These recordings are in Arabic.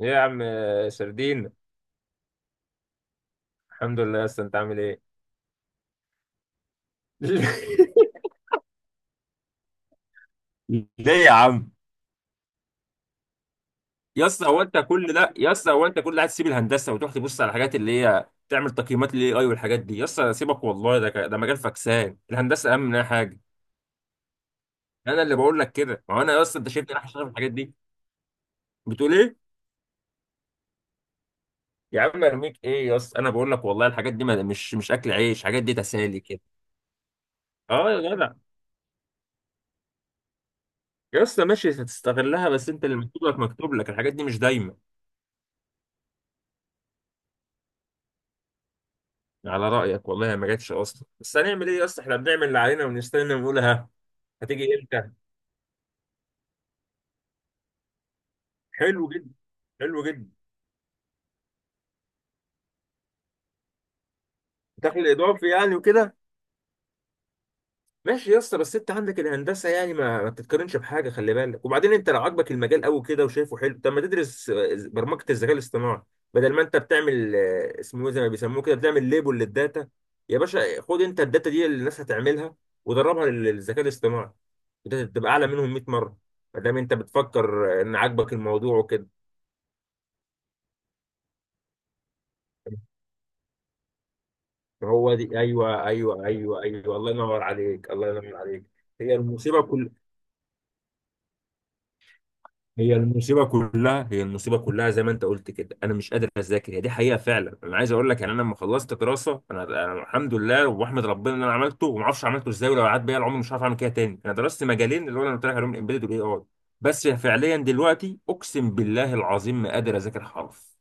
ايه يا عم سردين. الحمد لله يا اسطى، انت عامل ايه؟ ليه يا عم؟ يا اسطى هو انت كل ده، يا اسطى هو انت كل ده هتسيب الهندسه وتروح تبص على الحاجات اللي هي تعمل تقييمات للاي اي والحاجات دي؟ يا اسطى سيبك والله، ده ده مجال فكسان، الهندسه اهم منها حاجه. انا اللي بقول لك كده، ما هو انا يا اسطى انت شايفني رايح اشتغل في الحاجات دي؟ بتقول ايه؟ يا عم ارميك ايه يا اسطى، انا بقول لك والله الحاجات دي مش اكل عيش، الحاجات دي تسالي كده. اه يا جدع. يا اسطى ماشي هتستغلها، بس انت اللي مكتوب لك مكتوب لك، الحاجات دي مش دايما. على رأيك والله ما جاتش أصلا، بس هنعمل إيه يا اسطى؟ إحنا بنعمل اللي علينا ونستنى ونقول ها. هتيجي إمتى؟ حلو جدا. حلو جدا. دخل إضافي يعني وكده. ماشي يا اسطى، بس انت عندك الهندسه يعني ما بتتقارنش بحاجه، خلي بالك. وبعدين انت لو عاجبك المجال قوي كده وشايفه حلو، طب ما تدرس برمجه الذكاء الاصطناعي. بدل ما انت بتعمل اسمه إيه زي ما بيسموه كده، بتعمل ليبل للداتا. يا باشا خد انت الداتا دي اللي الناس هتعملها ودربها للذكاء الاصطناعي، وده تبقى اعلى منهم 100 مره. ما دام انت بتفكر ان عاجبك الموضوع وكده. هو دي، ايوه ايوه ايوه ايوه، الله ينور عليك، الله ينور عليك. هي المصيبه، هي المصيبه كلها، هي المصيبه كلها. زي ما انت قلت كده، انا مش قادر اذاكر، هي دي حقيقه فعلا. انا عايز اقول لك يعني، انا لما خلصت دراسه أنا الحمد لله واحمد ربنا ان انا عملته، وما اعرفش عملته ازاي، ولو قعدت بيا العمر مش هعرف اعمل كده تاني. انا درست مجالين اللي هو انا قلت لك عليهم، الامبيدد والاي اي. بس فعليا دلوقتي اقسم بالله العظيم ما قادر اذاكر حرف،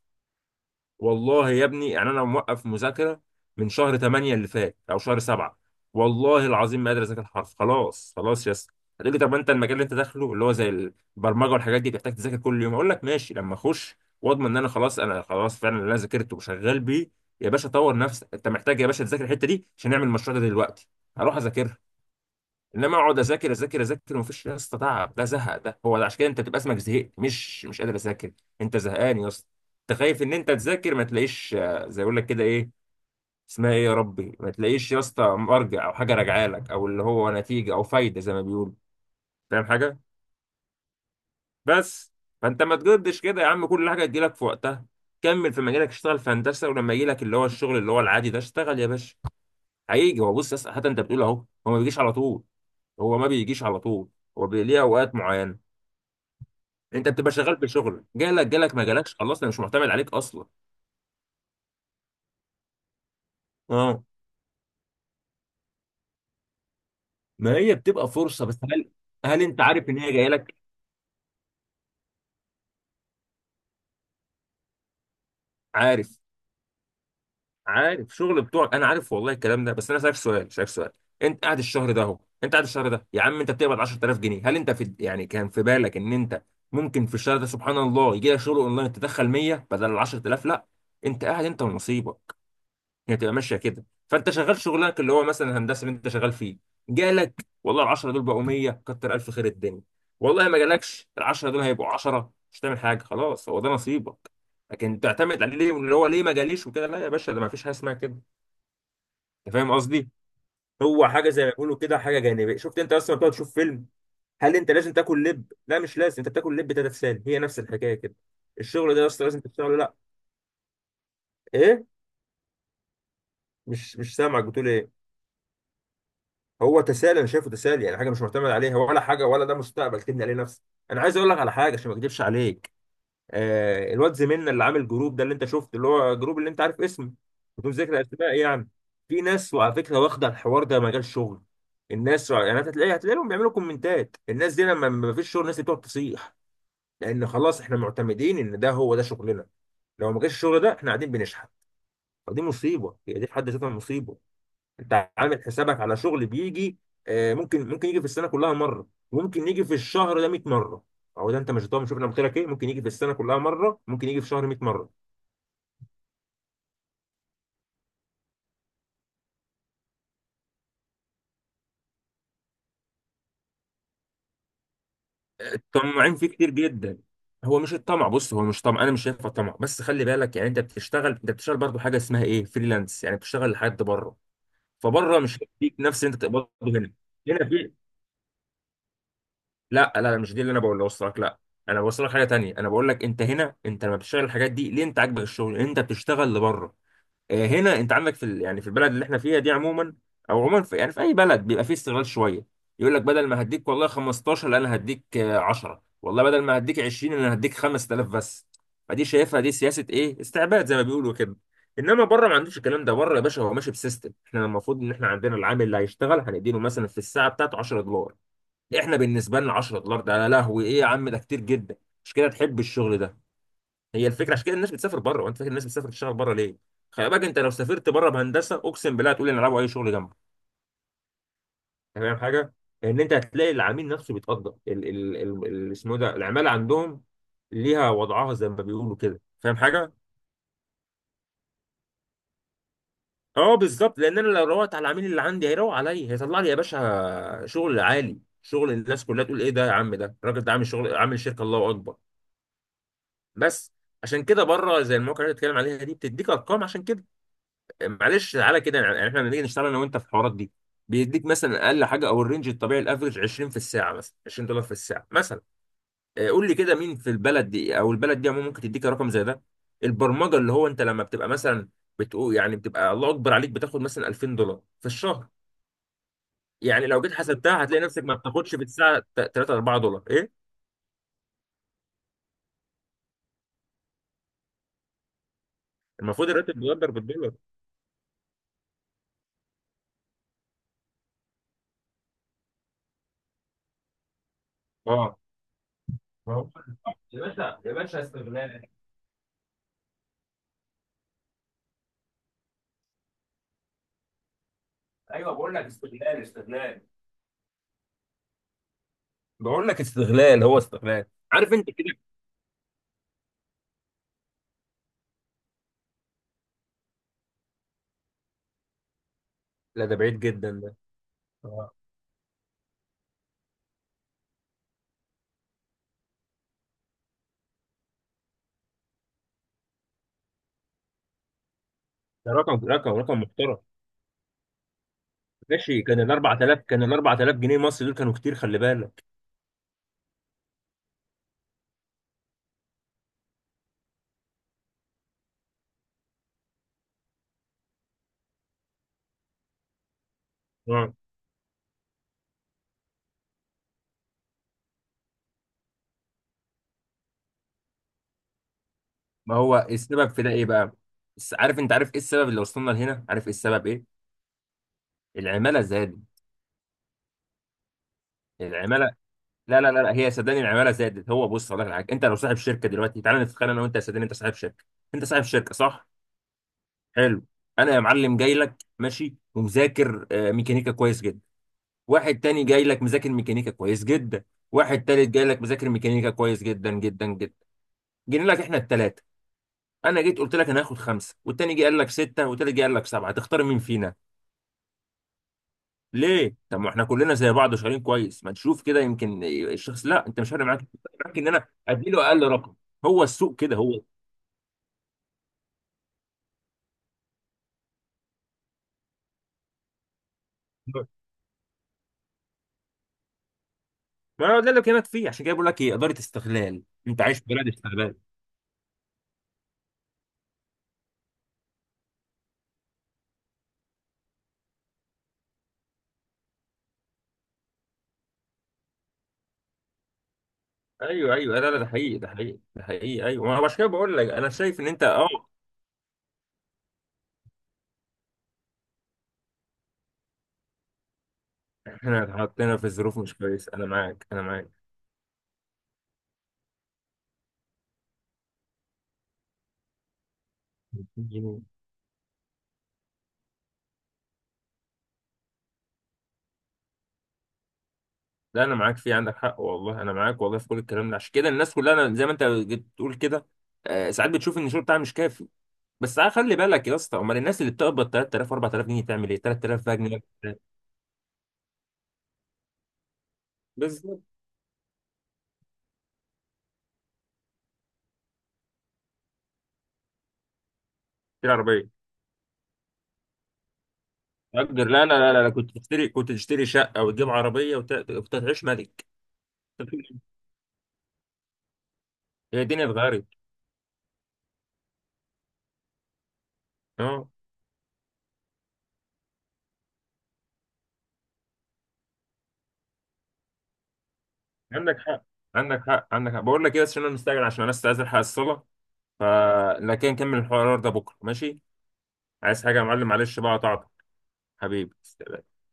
والله يا ابني. يعني انا موقف مذاكره من شهر 8 اللي فات او شهر 7، والله العظيم ما قادر اذاكر حرف. خلاص خلاص يا اسطى. هتقول لي طب انت المجال اللي انت داخله اللي هو زي البرمجه والحاجات دي بتحتاج تذاكر كل يوم، اقول لك ماشي لما اخش واضمن ان انا خلاص، انا خلاص فعلا اللي انا ذاكرته وشغال بيه. يا باشا طور نفسك، انت محتاج يا باشا تذاكر الحته دي عشان نعمل المشروع ده دلوقتي، هروح اذاكرها. انما اقعد اذاكر اذاكر ومفيش يا اسطى، تعب ده، زهق ده، هو ده عشان كده انت بتبقى اسمك زهقت، مش قادر اذاكر. انت زهقان يا اسطى. انت خايف ان انت تذاكر ما تلاقيش زي يقول لك كده ايه اسمها، ايه يا ربي، ما تلاقيش يا اسطى مرجع او حاجه راجعه لك، او اللي هو نتيجه او فايده زي ما بيقولوا. فاهم حاجه؟ بس. فانت ما تجدش كده يا عم، كل حاجه تجيلك في وقتها. كمل في مجالك، اشتغل في هندسه، ولما يجيلك اللي هو الشغل اللي هو العادي ده اشتغل يا باشا. هيجي هو، بص يا اسطى، حتى انت بتقول اهو، هو ما بيجيش على طول، هو ما بيجيش على طول، هو ليه اوقات معينه. انت بتبقى شغال بشغل، جالك جالك، ما جالكش خلاص انا مش معتمد عليك اصلا. اه، ما هي بتبقى فرصه بس هل، هل انت عارف ان هي جايه لك؟ عارف. عارف شغل بتوعك، انا عارف والله الكلام ده، بس انا سالك سؤال، سالك سؤال. انت قاعد الشهر ده اهو، انت قاعد الشهر ده يا عم انت بتقبض 10000 جنيه، هل انت في يعني كان في بالك ان انت ممكن في الشهر ده سبحان الله يجي لك شغل اونلاين تدخل 100 بدل ال 10000؟ لا. انت قاعد انت ونصيبك، هي تبقى ماشيه كده، فانت شغال شغلك اللي هو مثلا الهندسه اللي انت شغال فيه، جالك والله ال 10 دول بقوا 100، كتر الف خير الدنيا. والله ما جالكش ال 10 دول هيبقوا 10، مش هتعمل حاجه خلاص هو ده نصيبك. لكن تعتمد عليه ليه؟ اللي هو ليه ما جاليش وكده، لا يا باشا ده ما فيش حاجه اسمها كده. انت فاهم قصدي؟ هو حاجه زي ما بيقولوا كده حاجه جانبيه. شفت انت اصلا بتقعد تشوف فيلم، هل انت لازم تاكل لب؟ لا مش لازم، انت بتاكل لب تتسالى، هي نفس الحكايه كده. الشغل ده اصلا لازم تشتغله؟ لا. ايه؟ مش سامعك، بتقول ايه؟ هو تسالي، انا شايفه تسالي يعني حاجه مش معتمد عليها ولا حاجه، ولا ده مستقبل تبني عليه نفسك. انا عايز اقول لك على حاجه عشان ما اكذبش عليك، آه، الواد زميلنا اللي عامل جروب ده اللي انت شفته، اللي هو جروب اللي انت عارف اسمه، بدون ذكر اسماء يعني. في ناس وعلى فكره واخده الحوار ده مجال شغل، الناس يعني أنت هتلاقي، هتلاقيهم بيعملوا كومنتات. الناس دي لما ما فيش شغل الناس دي بتقعد تصيح، لان خلاص احنا معتمدين ان ده هو ده شغلنا، لو ما جاش الشغل ده احنا قاعدين بنشحت. فدي مصيبه، هي دي في حد ذاتها مصيبه. انت عامل حسابك على شغل بيجي، ممكن ممكن يجي في السنه كلها مره، وممكن يجي في الشهر ده 100 مره. او ده انت مش ضامن، شوف انا قلت لك ايه، ممكن يجي في السنه كلها مره، ممكن يجي في شهر 100 مره. الطماعين فيه كتير جدا. هو مش الطمع، بص هو مش طمع، انا مش شايفه طمع، بس خلي بالك يعني، انت بتشتغل، انت بتشتغل برضه حاجه اسمها ايه، فريلانس، يعني بتشتغل لحد بره، فبره مش هيديك نفس اللي انت تقبضه هنا. هنا في، لا لا مش دي اللي انا بقول لك، لا، انا بوصلك حاجه تانية، انا بقول لك انت هنا انت لما بتشتغل الحاجات دي ليه، انت عاجبك الشغل انت بتشتغل لبره. هنا انت عندك في يعني في البلد اللي احنا فيها دي عموما، او عموما في يعني في اي بلد بيبقى فيه استغلال شويه، يقول لك بدل ما هديك والله 15، لا انا هديك 10، والله بدل ما هديك 20 انا هديك 5000 بس. فدي شايفها دي سياسه ايه، استعباد زي ما بيقولوا كده. انما بره ما عندوش الكلام ده، بره يا باشا هو ماشي بسيستم، احنا المفروض ان احنا عندنا العامل اللي هيشتغل هنديله مثلا في الساعه بتاعته 10 دولار، احنا بالنسبه لنا 10 دولار ده يا لهوي ايه يا عم، ده كتير جدا، مش كده؟ تحب الشغل. هي الفكره عشان كده الناس بتسافر بره. وانت فاكر الناس بتسافر تشتغل بره ليه؟ خلي بالك انت لو سافرت بره بهندسه اقسم بالله هتقول ان العبوا اي شغل جنبه. أنت فاهم حاجه؟ لان انت هتلاقي العميل نفسه بيتقدر اسمه إيه ده، العماله عندهم ليها وضعها زي ما بيقولوا كده. فاهم حاجه؟ اه بالظبط، لان انا لو روقت على العميل اللي عندي هيروق عليا، هيطلع لي يا باشا شغل عالي، شغل الناس كلها تقول ايه ده يا عم، ده الراجل ده عامل شغل، عامل شركه، الله اكبر. بس عشان كده بره زي المواقع اللي أنت بتتكلم عليها دي بتديك ارقام عشان كده. معلش تعالى كده يعني، يعني لما نيجي نشتغل انا وانت في الحوارات دي، بيديك مثلا اقل حاجه او الرينج الطبيعي الافرج 20 في الساعه مثلا، 20 دولار في الساعه مثلا، قول لي كده مين في البلد دي او البلد دي عموما ممكن تديك رقم زي ده؟ البرمجه اللي هو انت لما بتبقى مثلا بتقول يعني بتبقى الله اكبر عليك، بتاخد مثلا 2000 دولار في الشهر، يعني لو جيت حسبتها هتلاقي نفسك ما بتاخدش في الساعه 3 4 دولار. ايه؟ المفروض الراتب بيقدر بالدولار. اه. آه. يا باشا يا باشا، استغلال. ايوه بقول لك استغلال، استغلال. بقول لك استغلال، هو استغلال. عارف انت كده. لا ده بعيد جدا ده. آه. ده رقم رقم رقم محترم. ماشي كان ال 4000، كان ال 4000 جنيه مصري دول كانوا كتير، خلي بالك. آه. ما هو إيه السبب في ده ايه بقى؟ بس عارف، انت عارف ايه السبب اللي وصلنا لهنا؟ عارف ايه السبب ايه؟ العماله زادت. العماله. لا، هي صدقني العماله زادت. هو بص اقول لك على حاجه، انت لو صاحب شركه دلوقتي، تعالى نتخيل انا وانت، يا صدقني انت صاحب شركه، انت صاحب شركه صح؟ حلو. انا يا معلم جاي لك ماشي ومذاكر ميكانيكا كويس جدا، واحد تاني جاي لك مذاكر ميكانيكا كويس جدا، واحد تالت جاي لك مذاكر ميكانيكا كويس جدا جدا جدا. جينا لك احنا التلاتة، انا جيت قلت لك انا هاخد خمسة، والتاني جه قال لك ستة، والتالت جه قال لك سبعة، تختار مين فينا؟ ليه؟ طب ما احنا كلنا زي بعض وشغالين كويس. ما تشوف كده يمكن الشخص، لا انت مش فارق معاك، فارق معاك ان انا اديله اقل رقم. هو السوق كده هو. ما هو ده اللي بكلمك فيه، عشان كده بقول لك ايه، اداره استغلال، انت عايش في بلد استغلال. ايوه ايوه، لا لا ده حقيقي، ده حقيقي ده حقيقي، ايوه ما هو عشان كده بقول لك، انا شايف ان انت اه. احنا اتحطينا في ظروف مش كويسه، انا معاك انا معاك. جميل. لا انا معاك، في عندك حق والله، انا معاك والله في كل الكلام ده، عشان كده الناس كلها، أنا زي ما انت بتقول كده، ساعات بتشوف ان الشغل بتاعها مش كافي، بس خلي بالك يا اسطى، امال الناس اللي بتقبض 3000 و4000 جنيه تعمل ايه؟ 3000 بقى جنيه. بالظبط. تشتري عربيه. اقدر، لا. كنت تشتري، كنت تشتري شقه وتجيب عربيه كنت هتعيش ملك. هي الدنيا اتغيرت. اه. عندك حق، عندك حق، عندك حق. بقول لك ايه، بس عشان انا مستعجل عشان انا استاذن الحق الصلاه، فلكن نكمل الحوار ده بكره ماشي؟ عايز حاجه يا معلم؟ معلش بقى قطعتك. حبيبي.